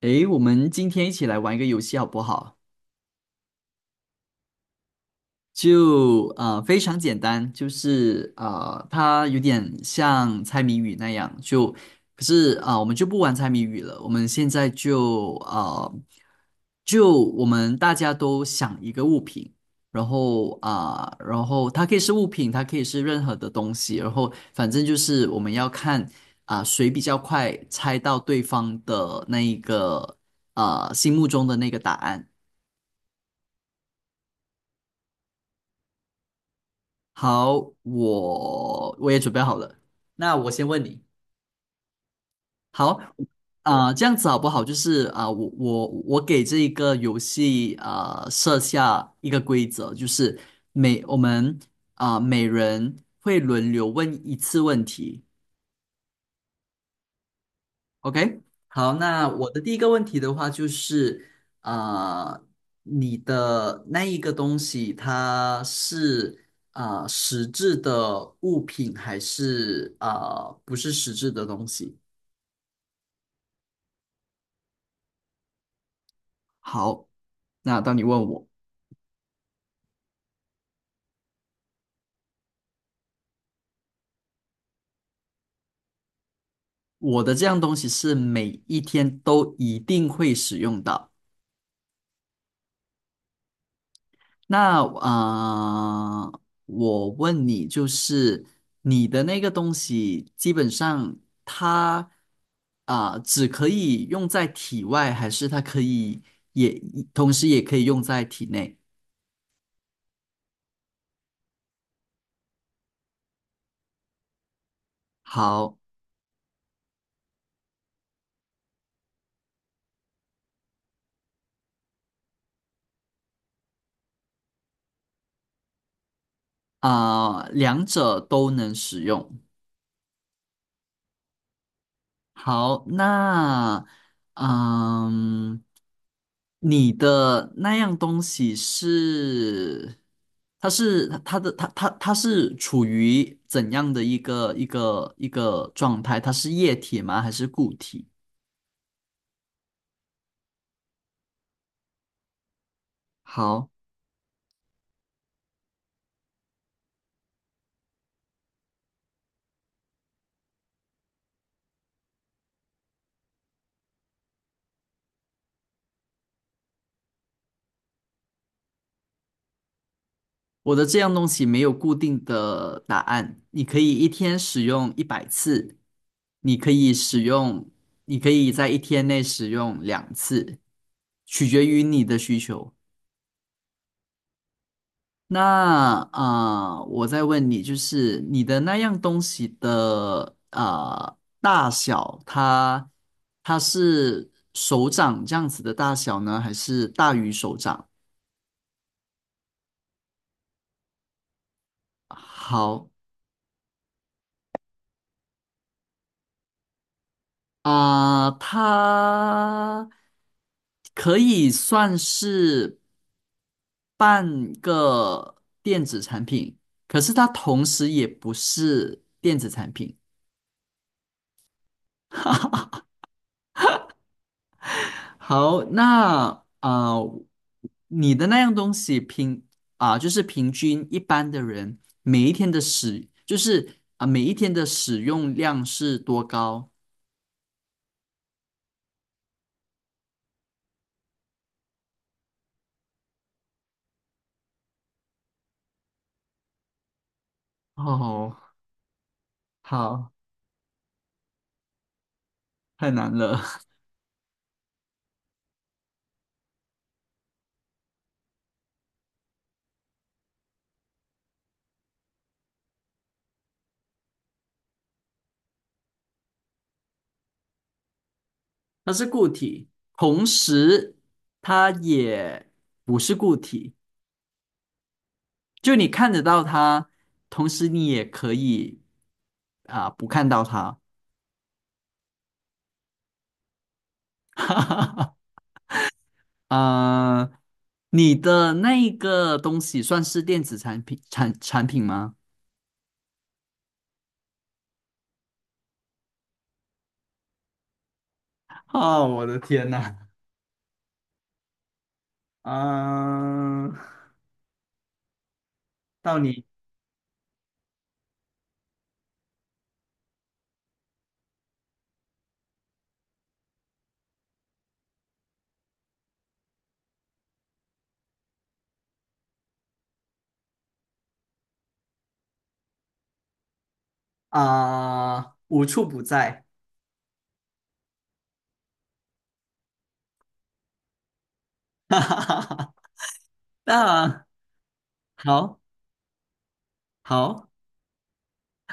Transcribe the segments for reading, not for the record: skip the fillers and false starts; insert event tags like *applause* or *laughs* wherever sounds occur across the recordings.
诶，我们今天一起来玩一个游戏好不好？就非常简单，就是它有点像猜谜语那样，就可是我们就不玩猜谜语了，我们现在就我们大家都想一个物品，然后它可以是物品，它可以是任何的东西，然后反正就是我们要看谁比较快猜到对方的那一个心目中的那个答案。好。我也准备好了。那我先问你。好。这样子好不好？就是我给这一个游戏设下一个规则，就是每我们啊、每人会轮流问一次问题。OK，好，那我的第一个问题的话就是，呃，你的那一个东西，它是实质的物品，还是不是实质的东西？好，那当你问我，我的这样东西是每一天都一定会使用到。那我问你，就是你的那个东西，基本上它只可以用在体外，还是它可以也同时也可以用在体内？好。两者都能使用。好，那嗯，你的那样东西是，它是它的它它它是处于怎样的一个状态？它是液体吗？还是固体？好，我的这样东西没有固定的答案，你可以一天使用100次，你可以使用，你可以在一天内使用两次，取决于你的需求。那我再问你，就是你的那样东西的大小，它是手掌这样子的大小呢，还是大于手掌？好。它可以算是半个电子产品，可是它同时也不是电子产品。好，那啊、呃你的那样东西就是平均一般的人每一天的使，就是每一天的使用量是多高？哦，好，太难了。*laughs* 它是固体，同时它也不是固体，就你看得到它，同时你也可以不看到它。*laughs* 啊、你的那一个东西算是电子产品吗？啊，我的天呐，啊，到你。啊，无处不在。*laughs* 哈哈哈哈。那好好。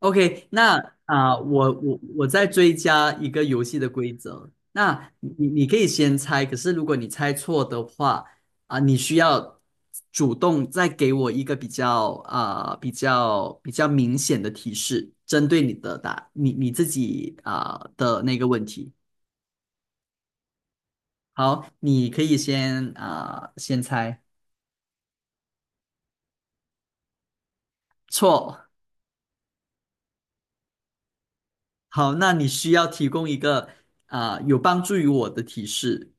OK，那我再追加一个游戏的规则。那你可以先猜，可是如果你猜错的话，你需要主动再给我一个比较比较明显的提示，针对你的你自己的那个问题。好，你可以先猜。错。好，那你需要提供一个有帮助于我的提示。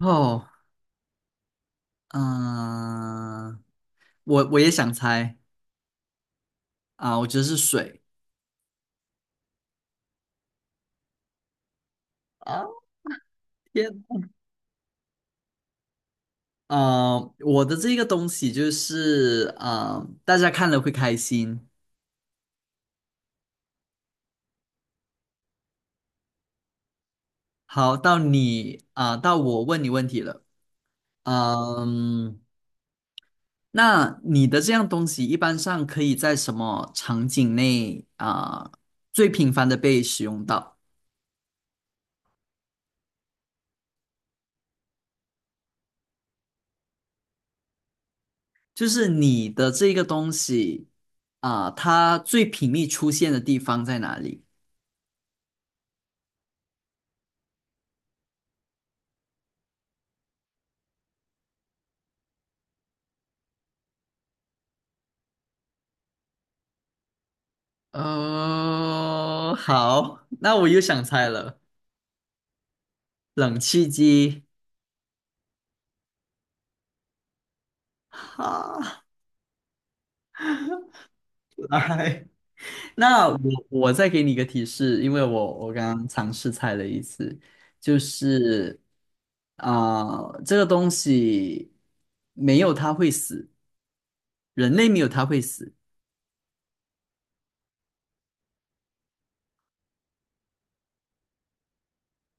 哦。嗯、我也想猜。啊，我觉得是水。啊，*laughs* 天，我的这个东西就是大家看了会开心。好，到我问你问题了。嗯，那你的这样东西一般上可以在什么场景内最频繁的被使用到？就是你的这个东西它最频密出现的地方在哪里？哦，好，那我又想猜了。冷气机。哈，*laughs* 来，那我再给你一个提示，因为我刚刚尝试猜了一次，就是这个东西没有它会死，人类没有它会死。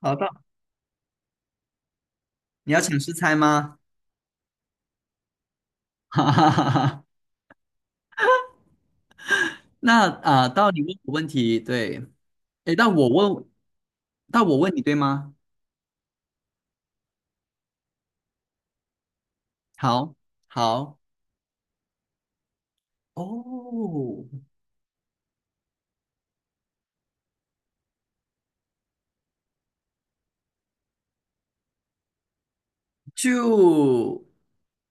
好的，你要尝试猜吗？*laughs* 哈哈哈哈。那到你问我问题，对，诶，那我问你，对吗？好，好。哦，就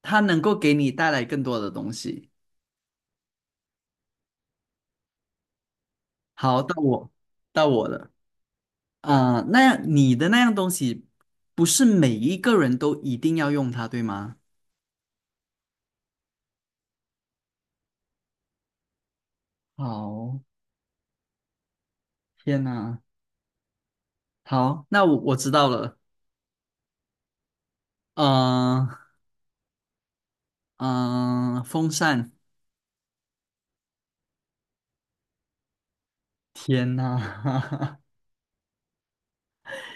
它能够给你带来更多的东西。好，到我了。那样你的那样东西，不是每一个人都一定要用它，对吗？好，天呐。好，那我知道了。嗯、嗯、风扇，天呐。*laughs*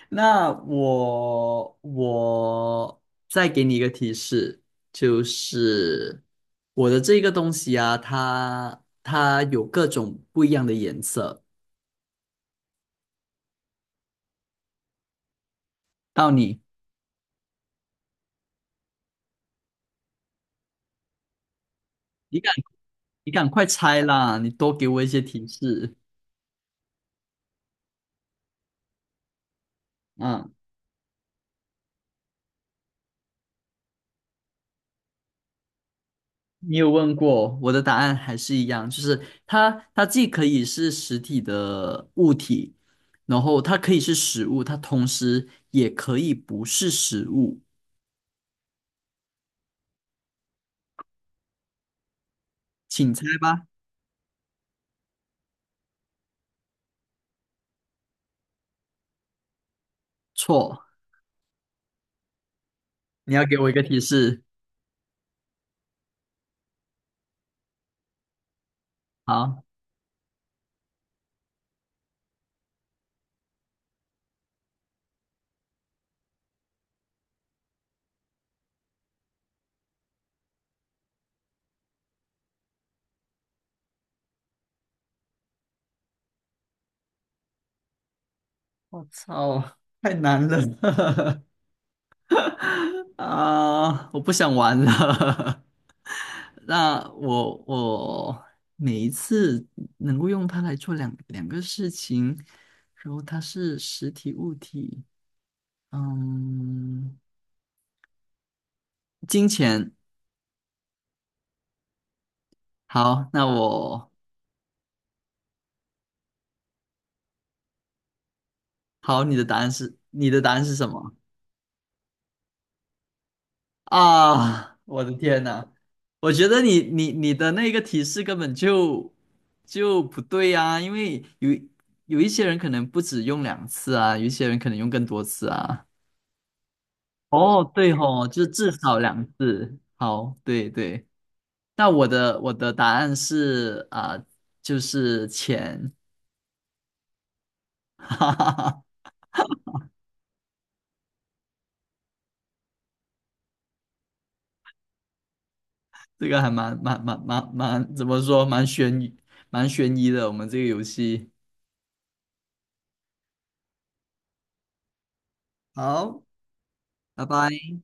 那我再给你一个提示，就是我的这个东西啊，它有各种不一样的颜色。到你，你赶你赶快猜啦！你多给我一些提示。嗯，你有问过，我的答案还是一样，就是它既可以是实体的物体，然后它可以是食物，它同时也可以不是食物。请猜吧。错。你要给我一个提示。好，我操，太难了。 *laughs* 啊！我不想玩了。*laughs* 那我每一次能够用它来做两个事情，然后它是实体物体，嗯，金钱。好，好，你的答案是什么？啊，我的天呐，我觉得你的那个提示根本就不对啊，因为有一些人可能不止用两次啊，有一些人可能用更多次啊。哦，对吼，就至少两次。好，对对。那我的答案是就是钱。*laughs* 哈哈哈，这个还蛮怎么说，蛮悬疑的，我们这个游戏。好，拜拜。